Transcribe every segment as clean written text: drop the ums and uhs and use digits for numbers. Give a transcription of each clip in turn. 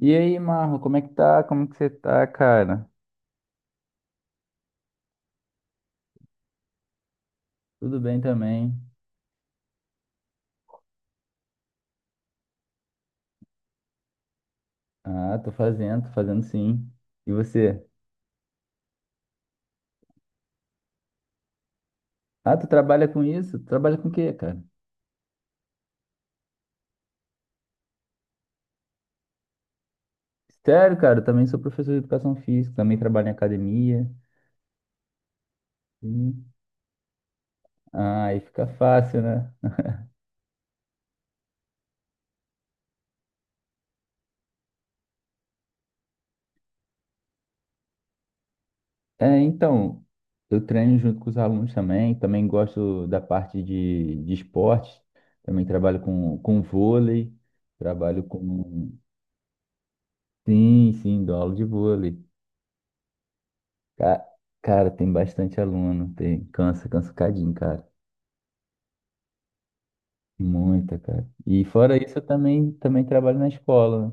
E aí, Marlon, como é que tá? Como que você tá, cara? Tudo bem também. Ah, tô fazendo sim. E você? Ah, tu trabalha com isso? Tu trabalha com o quê, cara? Sério, cara, eu também sou professor de educação física, também trabalho em academia. Sim. Ah, aí fica fácil, né? É, então, eu treino junto com os alunos também, também gosto da parte de esporte. Também trabalho com vôlei, trabalho com... Sim, sim, dou aula de vôlei. Ca- Cara, tem bastante aluno, tem, cansa, cansa um cadinho, cara. Muita, cara. E fora isso, eu também, também trabalho na escola, né?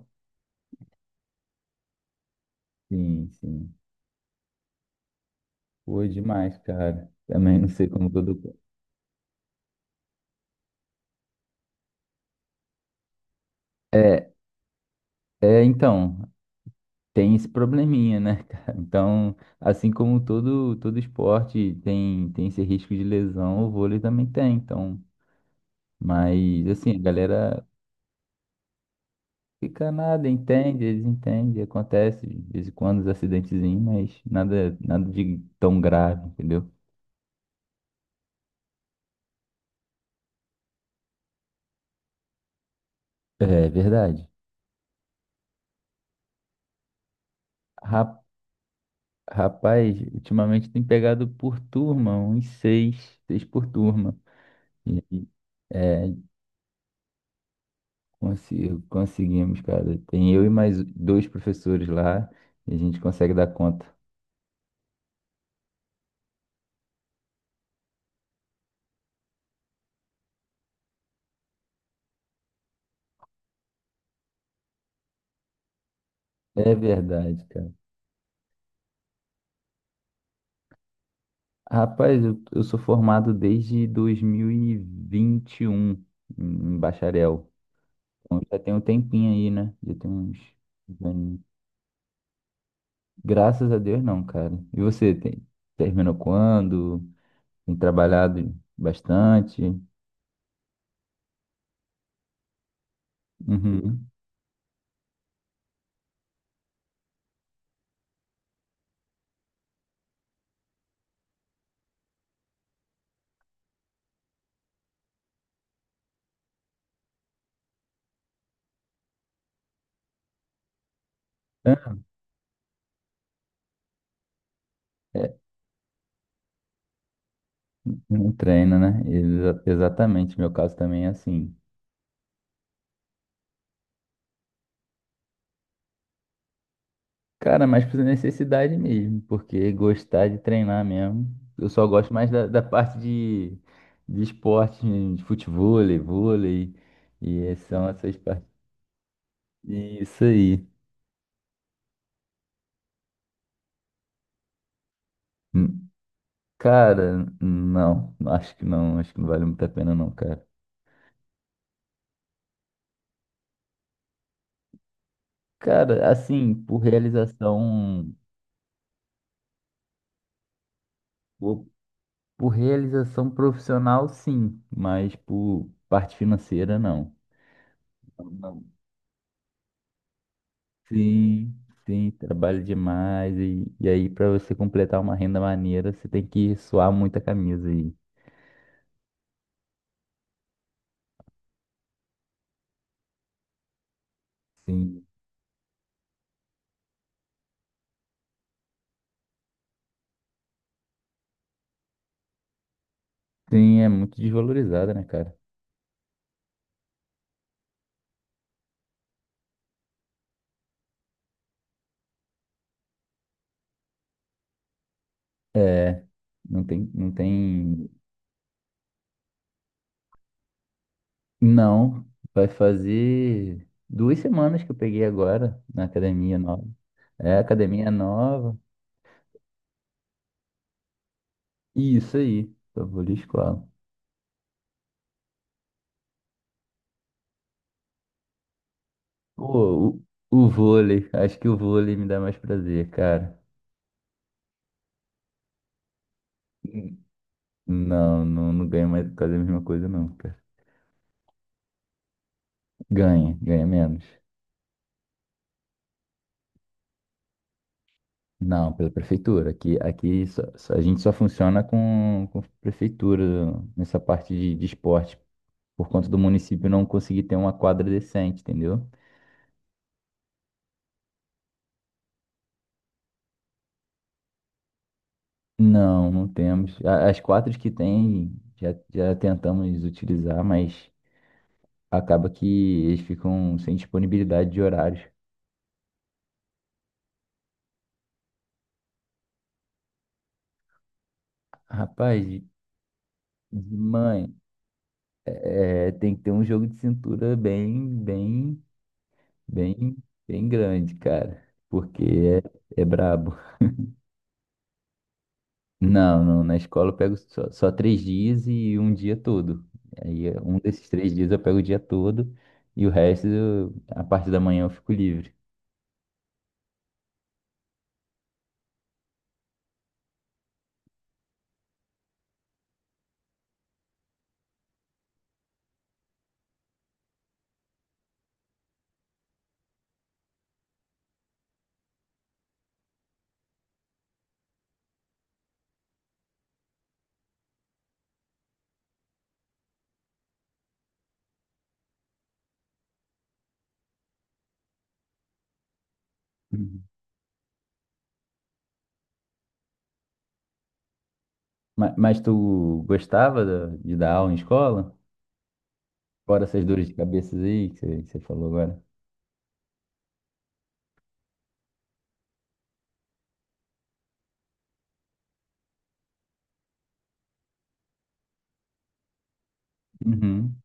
Sim, sim. Pô, é demais, cara. Também não sei como todo. É, é, então, tem esse probleminha, né, cara? Então, assim como todo esporte tem, tem esse risco de lesão, o vôlei também tem, então. Mas, assim, a galera, fica nada, entende, eles entendem, acontece de vez em quando os acidentezinhos, mas nada, nada de tão grave, entendeu? É verdade. Ra- Rapaz, ultimamente tem pegado por turma, uns seis, seis por turma. E aí, é, Conseguimos, cara. Tem eu e mais dois professores lá, e a gente consegue dar conta. É verdade, cara. Rapaz, eu sou formado desde 2021 em bacharel. Então, já tem um tempinho aí, né? Já tem uns uns aninhos. Graças a Deus, não, cara. E você, tem... terminou quando? Tem trabalhado bastante? Uhum. É, não treina, né? Exatamente. Meu caso também é assim. Cara, mas por necessidade mesmo, porque gostar de treinar mesmo. Eu só gosto mais da parte de esporte, de futevôlei, vôlei, e são essas partes. Isso aí. Cara, não, acho que não, acho que não vale muito a pena não, cara. Cara, assim, por, por realização profissional, sim, mas por parte financeira, não. Não, não. Sim, sim, trabalho demais e aí para você completar uma renda maneira, você tem que suar muita camisa aí. Sim, sim, é muito desvalorizada, né, cara? É, não tem. Não, vai fazer duas semanas que eu peguei agora na academia nova. É, academia nova. Isso aí, só vou de escola. Pô, o, o vôlei, acho que o vôlei me dá mais prazer, cara. Não, não, não ganha mais por causa da mesma coisa, não, cara. Ganha, ganha menos. Não, pela prefeitura. Aqui, a gente só funciona com prefeitura nessa parte de esporte, por conta do município não conseguir ter uma quadra decente, entendeu? Não, não temos. As quatro que tem, já, já tentamos utilizar, mas acaba que eles ficam sem disponibilidade de horários. Rapaz, de mãe, é, tem que ter um jogo de cintura bem, bem grande, cara, porque é, é brabo. Não, não, na escola eu pego só, só três dias e um dia todo. Aí é, um desses três dias eu pego o dia todo e o resto, a parte da manhã eu fico livre. Mas, tu gostava de dar aula em escola? Fora essas dores de cabeça aí que você falou agora. Uhum.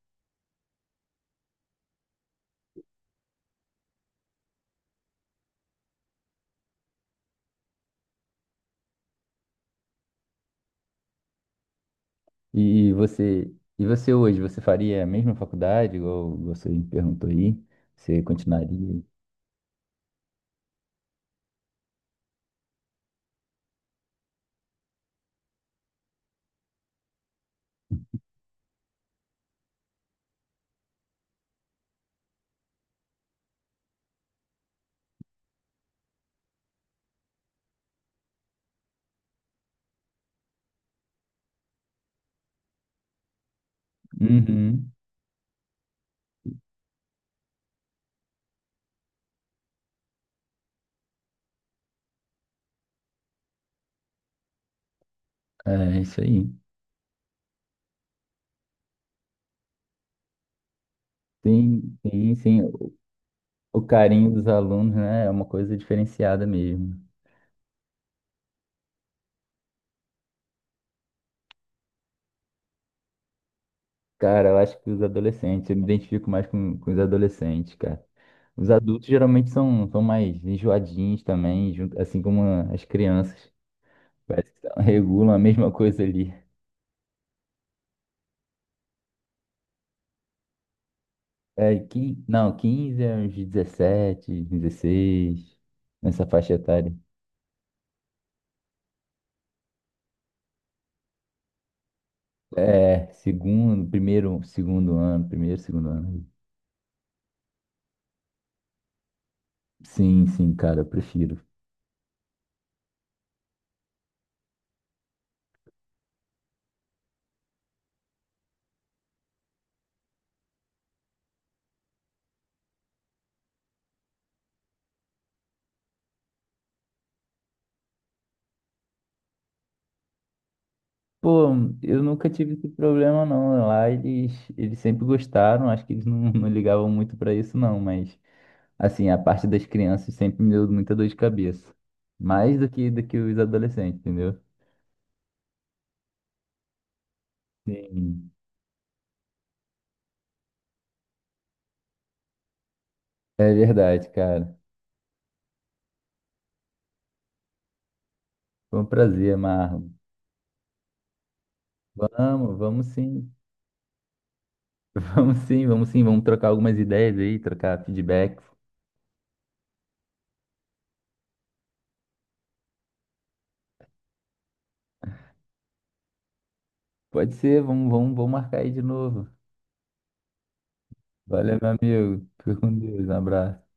E você, e você hoje, você faria a mesma faculdade, igual você me perguntou aí? Você continuaria? Uhum. É isso aí. Sim, sim, sim. O carinho dos alunos, né, é uma coisa diferenciada mesmo. Cara, eu acho que os adolescentes, eu me identifico mais com os adolescentes, cara. Os adultos geralmente são mais enjoadinhos também, junto- assim como as crianças. Parece que elas regulam a mesma coisa ali. É, quin não, Quinze a uns 17 16 nessa faixa etária. Segundo ano, primeiro, segundo ano. Sim, sim, cara, eu prefiro. Pô, eu nunca tive esse problema não. Lá eles, eles sempre gostaram, acho que eles não, não ligavam muito pra isso não, mas assim, a parte das crianças sempre me deu muita dor de cabeça. Mais do que os adolescentes, entendeu? Sim, é verdade, cara. Foi um prazer, Marlon. Vamos, vamos sim. Vamos sim, vamos sim, vamos trocar algumas ideias aí, trocar feedbacks. Pode ser, vamos, vamos, vamos marcar aí de novo. Valeu, meu amigo. Fica com Deus, um abraço.